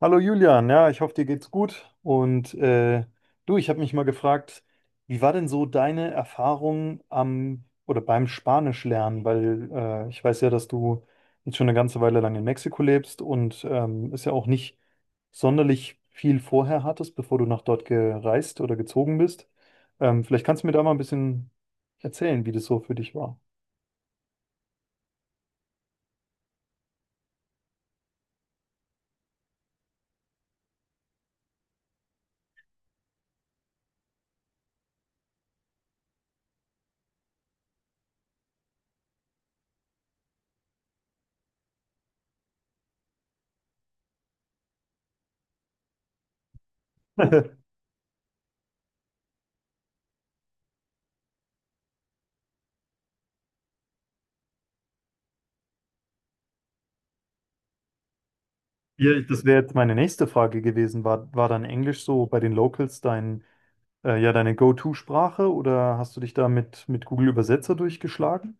Hallo Julian, ja, ich hoffe, dir geht's gut. Du, ich habe mich mal gefragt, wie war denn so deine Erfahrung am oder beim Spanischlernen? Weil ich weiß ja, dass du jetzt schon eine ganze Weile lang in Mexiko lebst und es ja auch nicht sonderlich viel vorher hattest, bevor du nach dort gereist oder gezogen bist. Vielleicht kannst du mir da mal ein bisschen erzählen, wie das so für dich war. Ja, das wäre jetzt meine nächste Frage gewesen. War dann Englisch so bei den Locals dein ja, deine Go-To-Sprache oder hast du dich da mit Google Übersetzer durchgeschlagen?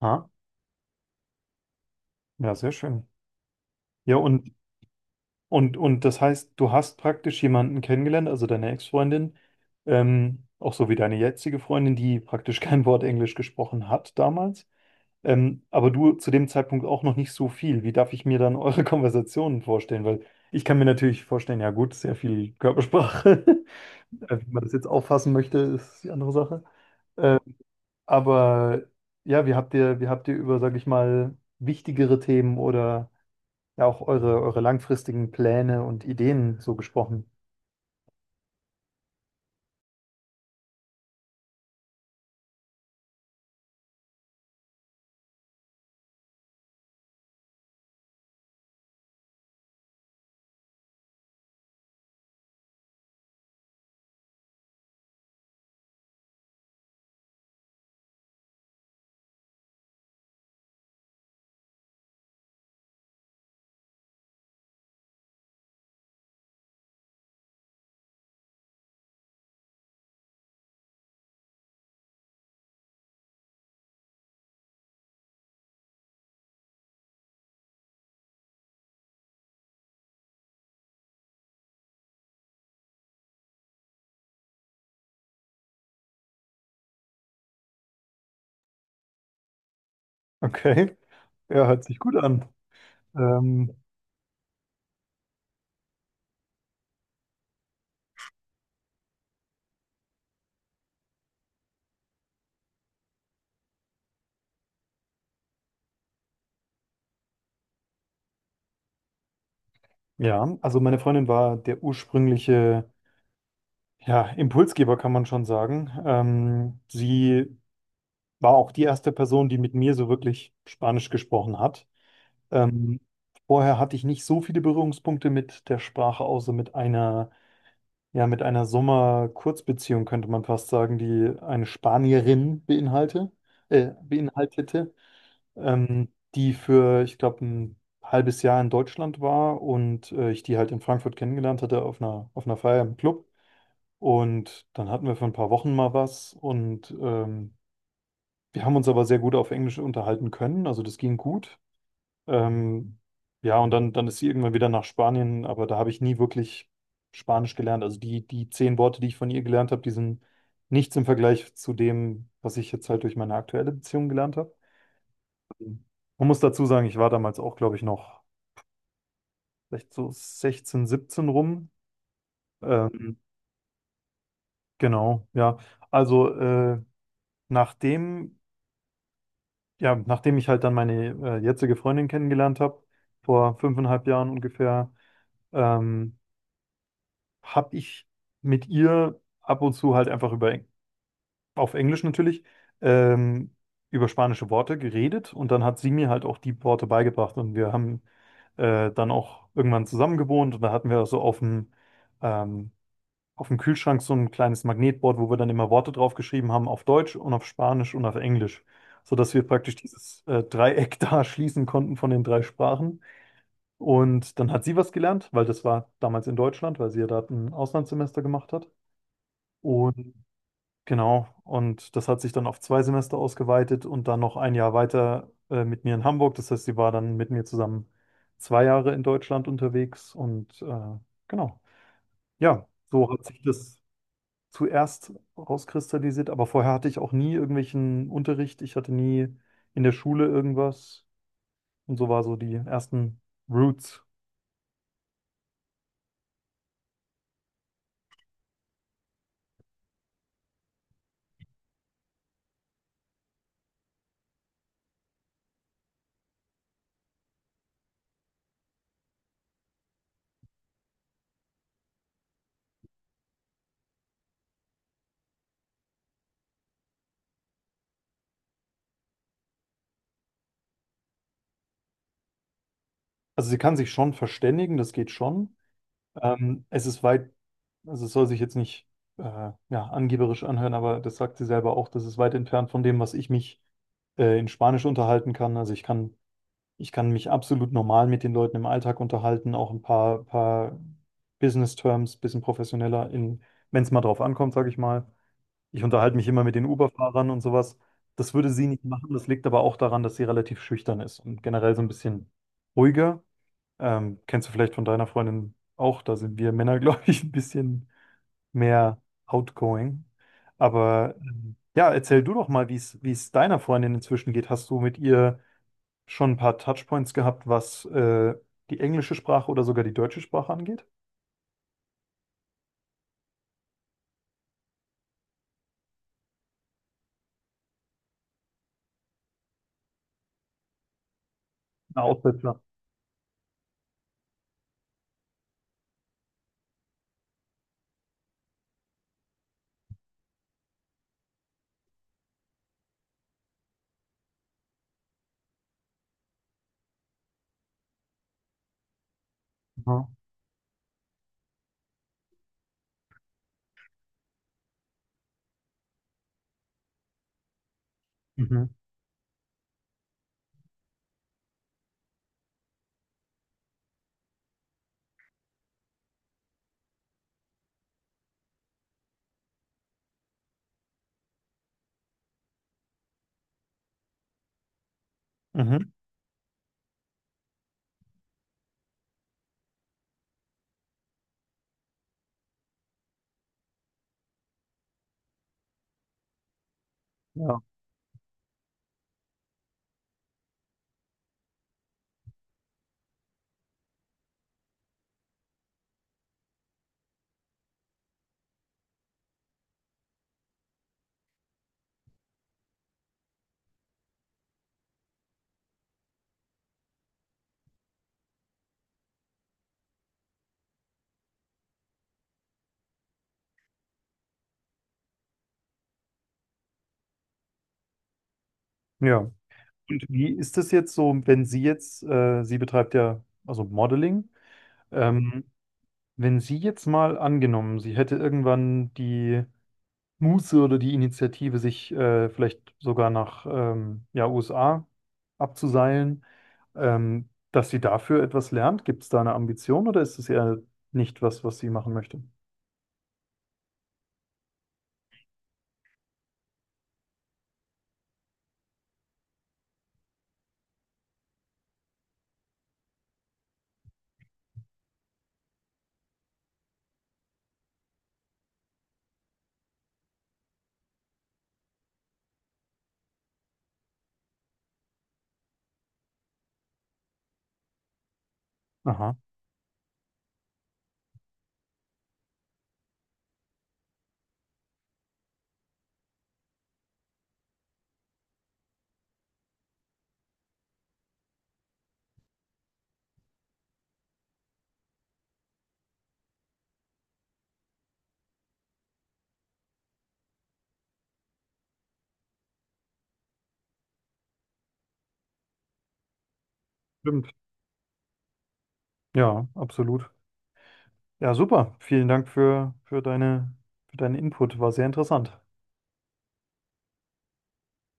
Ah, ja, sehr schön. Ja, und, und das heißt, du hast praktisch jemanden kennengelernt, also deine Ex-Freundin, auch so wie deine jetzige Freundin, die praktisch kein Wort Englisch gesprochen hat damals. Aber du zu dem Zeitpunkt auch noch nicht so viel. Wie darf ich mir dann eure Konversationen vorstellen? Weil ich kann mir natürlich vorstellen, ja gut, sehr viel Körpersprache. Wie man das jetzt auffassen möchte, ist die andere Sache. Aber ja, wie habt ihr über, sag ich mal, wichtigere Themen oder ja auch eure langfristigen Pläne und Ideen so gesprochen? Okay, ja, hört sich gut an. Ähm, ja, also meine Freundin war der ursprüngliche, ja, Impulsgeber, kann man schon sagen. Sie war auch die erste Person, die mit mir so wirklich Spanisch gesprochen hat. Ähm, vorher hatte ich nicht so viele Berührungspunkte mit der Sprache, außer mit einer. Ja, mit einer Sommer-Kurzbeziehung könnte man fast sagen, die eine Spanierin beinhaltete, die für, ich glaube, ein halbes Jahr in Deutschland war und ich die halt in Frankfurt kennengelernt hatte auf einer Feier im Club. Und dann hatten wir für ein paar Wochen mal was und wir haben uns aber sehr gut auf Englisch unterhalten können, also das ging gut. Ähm, ja, und dann ist sie irgendwann wieder nach Spanien, aber da habe ich nie wirklich Spanisch gelernt. Also die 10 Worte, die ich von ihr gelernt habe, die sind nichts im Vergleich zu dem, was ich jetzt halt durch meine aktuelle Beziehung gelernt habe. Man muss dazu sagen, ich war damals auch, glaube ich, noch vielleicht so 16, 17 rum. Ähm, genau, ja. Also nachdem, ja, nachdem ich halt dann meine jetzige Freundin kennengelernt habe, vor 5,5 Jahren ungefähr, ähm, habe ich mit ihr ab und zu halt einfach über, auf Englisch natürlich, ähm, über spanische Worte geredet und dann hat sie mir halt auch die Worte beigebracht und wir haben dann auch irgendwann zusammen gewohnt und da hatten wir so ähm, auf dem Kühlschrank so ein kleines Magnetboard, wo wir dann immer Worte draufgeschrieben haben auf Deutsch und auf Spanisch und auf Englisch, sodass wir praktisch dieses Dreieck da schließen konnten von den drei Sprachen. Und dann hat sie was gelernt, weil das war damals in Deutschland, weil sie ja da ein Auslandssemester gemacht hat. Und genau, und das hat sich dann auf 2 Semester ausgeweitet und dann noch ein Jahr weiter mit mir in Hamburg. Das heißt, sie war dann mit mir zusammen 2 Jahre in Deutschland unterwegs und genau. Ja, so hat sich das zuerst rauskristallisiert, aber vorher hatte ich auch nie irgendwelchen Unterricht. Ich hatte nie in der Schule irgendwas und so war so die ersten Roots. Also sie kann sich schon verständigen, das geht schon. Es ist weit, also es soll sich jetzt nicht äh, ja, angeberisch anhören, aber das sagt sie selber auch, das ist weit entfernt von dem, was ich mich in Spanisch unterhalten kann. Also ich kann mich absolut normal mit den Leuten im Alltag unterhalten, auch ein paar Business-Terms, bisschen professioneller, in, wenn es mal drauf ankommt, sage ich mal. Ich unterhalte mich immer mit den Uber-Fahrern und sowas. Das würde sie nicht machen, das liegt aber auch daran, dass sie relativ schüchtern ist und generell so ein bisschen ruhiger. Kennst du vielleicht von deiner Freundin auch? Da sind wir Männer, glaube ich, ein bisschen mehr outgoing. Aber ja, erzähl du doch mal, wie es deiner Freundin inzwischen geht. Hast du mit ihr schon ein paar Touchpoints gehabt, was die englische Sprache oder sogar die deutsche Sprache angeht? Na, Aussetzer. Aha. Mhm. Mhm. Ja. Ja. Und wie ist es jetzt so, wenn sie jetzt, sie betreibt ja also Modeling, ähm, wenn sie jetzt mal angenommen, sie hätte irgendwann die Muße oder die Initiative, sich vielleicht sogar nach ja, USA abzuseilen, dass sie dafür etwas lernt? Gibt es da eine Ambition oder ist es eher nicht was, was sie machen möchte? Aha, stimmt. Ja, absolut. Ja, super. Vielen Dank für deine, für deinen Input. War sehr interessant.